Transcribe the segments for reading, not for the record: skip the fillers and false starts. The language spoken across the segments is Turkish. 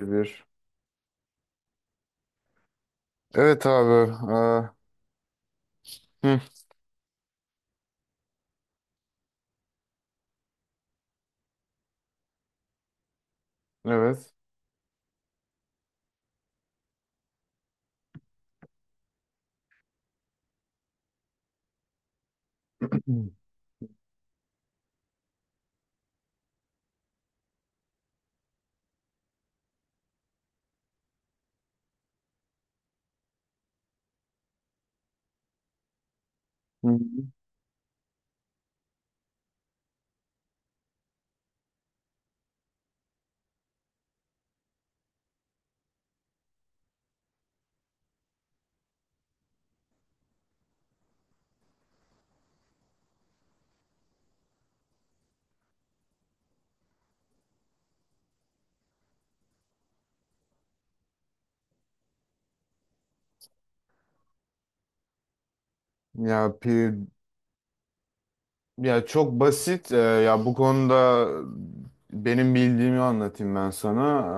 Bir. Evet abi. Hı, evet. Hı hı. Ya pi ya çok basit. Ya bu konuda benim bildiğimi anlatayım ben sana.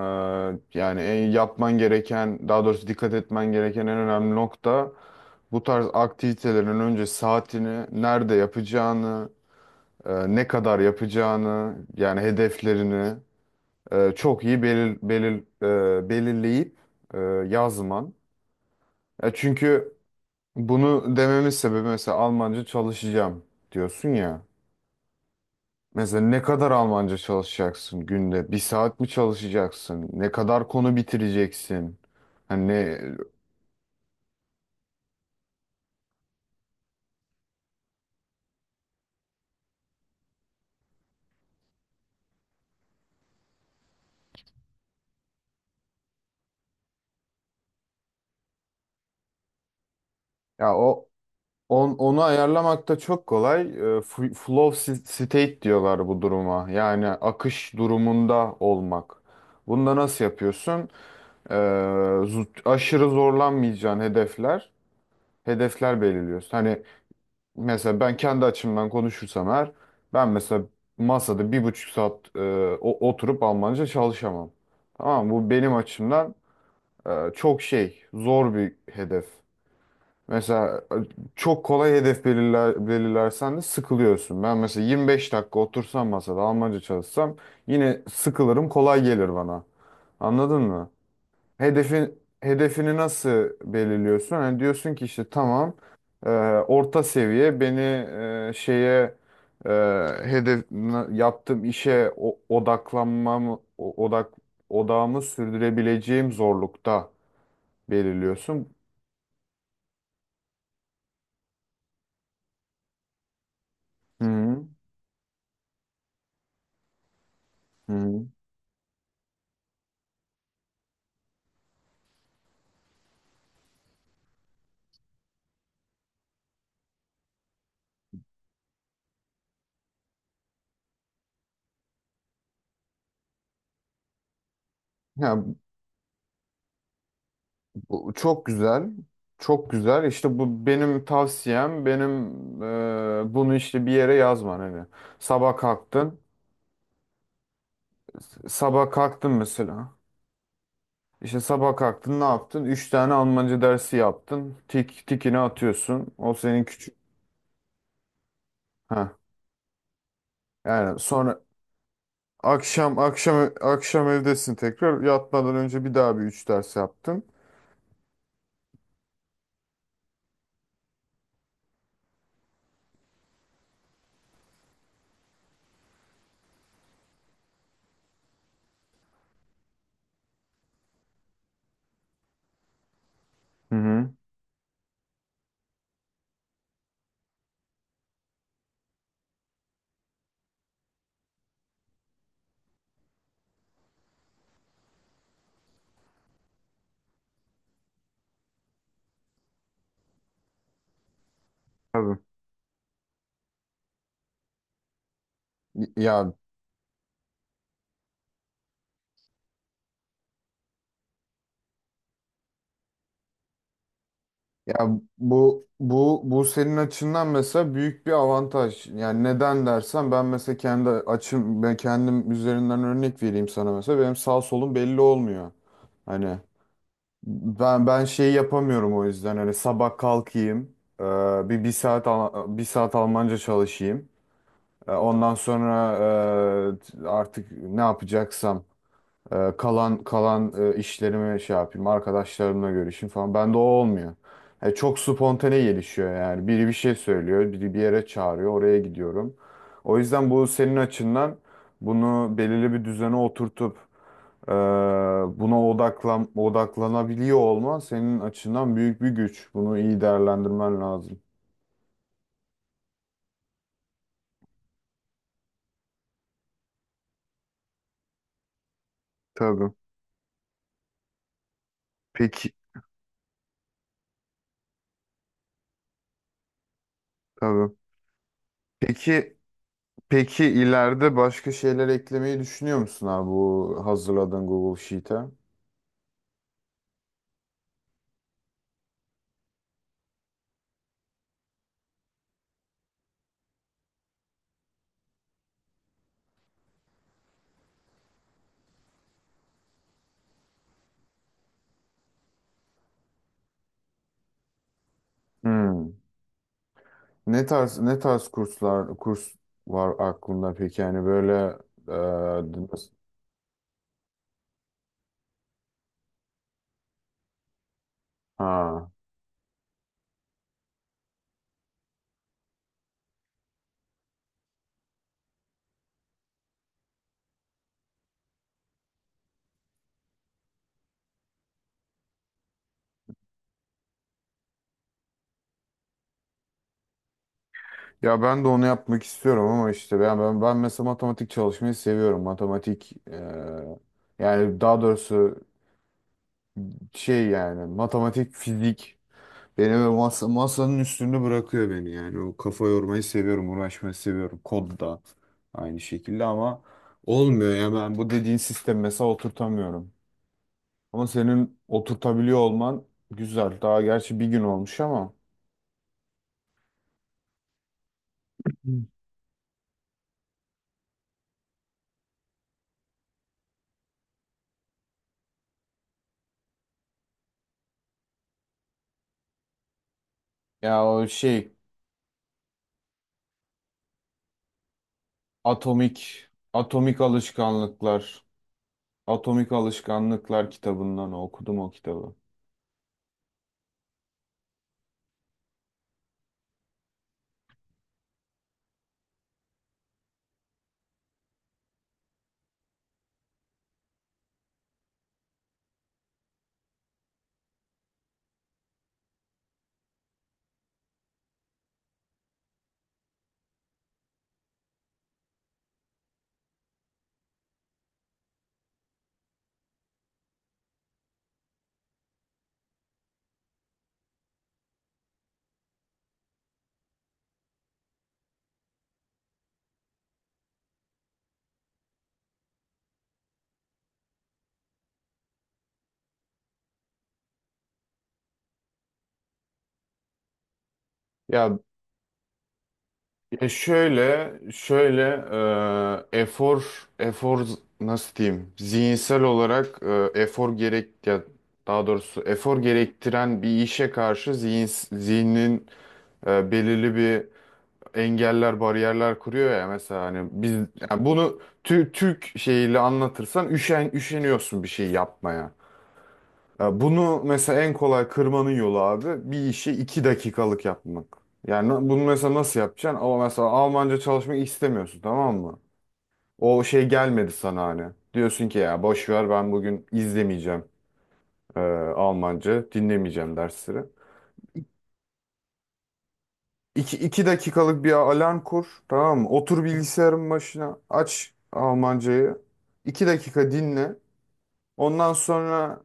Yani en yapman gereken, daha doğrusu dikkat etmen gereken en önemli nokta bu tarz aktivitelerin önce saatini, nerede yapacağını, ne kadar yapacağını, yani hedeflerini çok iyi belirleyip e, yazman. Ya çünkü bunu dememin sebebi mesela Almanca çalışacağım diyorsun ya. Mesela ne kadar Almanca çalışacaksın günde? Bir saat mi çalışacaksın? Ne kadar konu bitireceksin? Hani ne- ya o onu ayarlamak da çok kolay. Flow state diyorlar bu duruma. Yani akış durumunda olmak. Bunda nasıl yapıyorsun? Ee, Aşırı zorlanmayacağın hedefler belirliyorsun. Hani mesela ben kendi açımdan konuşursam eğer ben mesela masada bir buçuk saat oturup Almanca çalışamam. Tamam mı? Bu benim açımdan çok şey zor bir hedef. Mesela çok kolay hedef belirlersen de sıkılıyorsun. Ben mesela 25 dakika otursam masada Almanca çalışsam yine sıkılırım kolay gelir bana. Anladın mı? Hedefini nasıl belirliyorsun? Hani diyorsun ki işte tamam, e, orta seviye beni e, şeye e, hedef na- yaptığım işe o- odaklanmam o- odak odağımı sürdürebileceğim zorlukta belirliyorsun. Hı hı. Hı hı. Ya, bu çok güzel. Çok güzel. İşte bu benim tavsiyem. Benim, bunu işte bir yere yazman hani. Sabah kalktın. Sabah kalktın mesela. İşte sabah kalktın ne yaptın? Üç tane Almanca dersi yaptın. Tikini atıyorsun. O senin küçük. Ha. Yani sonra akşam evdesin tekrar. Yatmadan önce bir daha üç ders yaptın. Hı hı. Tabii. Ya ya bu senin açından mesela büyük bir avantaj. Yani neden dersen ben mesela kendi açım, ben kendim üzerinden örnek vereyim sana mesela. Benim sağ solum belli olmuyor. Hani ben şey yapamıyorum. O yüzden hani sabah kalkayım, bir saat bir saat Almanca çalışayım. E, ondan sonra, artık ne yapacaksam, kalan işlerimi şey yapayım, arkadaşlarımla görüşeyim falan, bende o olmuyor. E, çok spontane gelişiyor. Yani biri bir şey söylüyor, biri bir yere çağırıyor, oraya gidiyorum. O yüzden bu senin açından bunu belirli bir düzene oturtup, ee, buna odaklan odaklanabiliyor olman senin açından büyük bir güç. Bunu iyi değerlendirmen lazım. Tabii. Peki, tabii. Peki, peki, ileride başka şeyler eklemeyi düşünüyor musun abi bu hazırladığın Google Sheet'e? Hmm. Ne tarz kurslar var aklında peki, yani böyle, e, ha, ya ben de onu yapmak istiyorum ama işte ben mesela matematik çalışmayı seviyorum. Matematik, yani daha doğrusu şey, yani matematik, fizik beni masanın üstünde bırakıyor beni yani. O kafa yormayı seviyorum, uğraşmayı seviyorum. Kod da aynı şekilde ama olmuyor ya, ben bu dediğin sistem mesela oturtamıyorum. Ama senin oturtabiliyor olman güzel. Daha gerçi bir gün olmuş ama. Hmm. Ya o şey, atomik atomik alışkanlıklar, atomik alışkanlıklar kitabından okudum o kitabı. Ya, ya şöyle, şöyle, e, efor, efor nasıl diyeyim? Zihinsel olarak e, efor gerek ya daha doğrusu efor gerektiren bir işe karşı zihnin belirli bir bariyerler kuruyor ya. Mesela hani biz, yani bunu Türk şeyiyle anlatırsan üşeniyorsun bir şey yapmaya. Ya bunu mesela en kolay kırmanın yolu abi bir işi iki dakikalık yapmak. Bunu mesela nasıl yapacaksın? Ama mesela Almanca çalışmak istemiyorsun, tamam mı? O şey gelmedi sana hani. Diyorsun ki ya boş ver, ben bugün izlemeyeceğim, e, Almanca, dinlemeyeceğim dersleri. İki dakikalık bir alarm kur, tamam mı? Otur bilgisayarın başına, aç Almancayı. İki dakika dinle. Ondan sonra,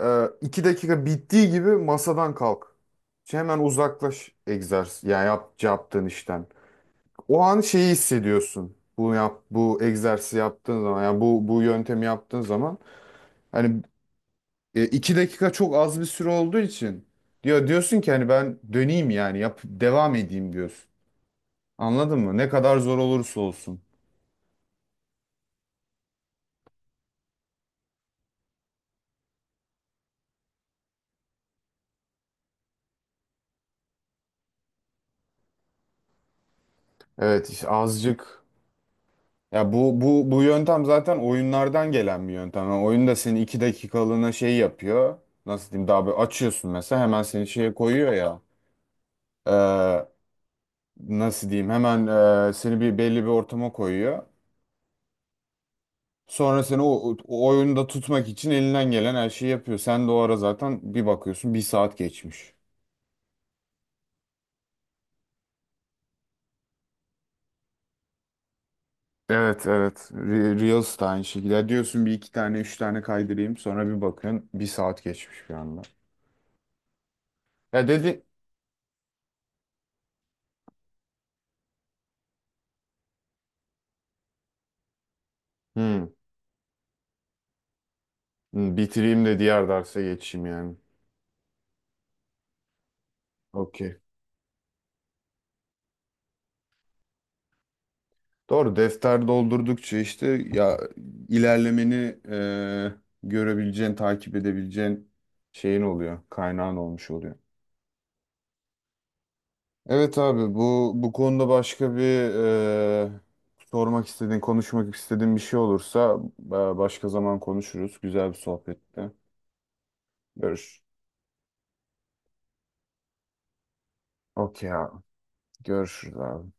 iki dakika bittiği gibi masadan kalk. Şey, hemen uzaklaş, egzersiz ya yap, yaptığın işten. O an şeyi hissediyorsun. Bu egzersizi yaptığın zaman, yani bu yöntemi yaptığın zaman hani iki dakika çok az bir süre olduğu için diyorsun ki hani ben döneyim, yani yap devam edeyim diyorsun. Anladın mı? Ne kadar zor olursa olsun. Evet, işte azıcık. Ya bu yöntem zaten oyunlardan gelen bir yöntem. Yani oyun da seni iki dakikalığına şey yapıyor. Nasıl diyeyim? Daha böyle açıyorsun mesela, hemen seni şeye koyuyor ya. Ee, Nasıl diyeyim, hemen seni belli bir ortama koyuyor. Sonra seni o oyunda tutmak için elinden gelen her şeyi yapıyor. Sen de o ara zaten bir bakıyorsun, bir saat geçmiş. Evet evet. Reels de aynı şekilde. Ya diyorsun bir iki tane üç tane kaydırayım, sonra bir bakıyorsun bir saat geçmiş bir anda. Ya dedi... Hmm. Hı, bitireyim de diğer derse geçeyim yani. Okey. Doğru, defter doldurdukça işte ya ilerlemeni, e, görebileceğin, takip edebileceğin şeyin oluyor. Kaynağın olmuş oluyor. Evet abi, bu bu konuda başka bir, e, sormak istediğin, konuşmak istediğin bir şey olursa, başka zaman konuşuruz. Güzel bir sohbette. Görüş. Okey abi. Görüşürüz abi.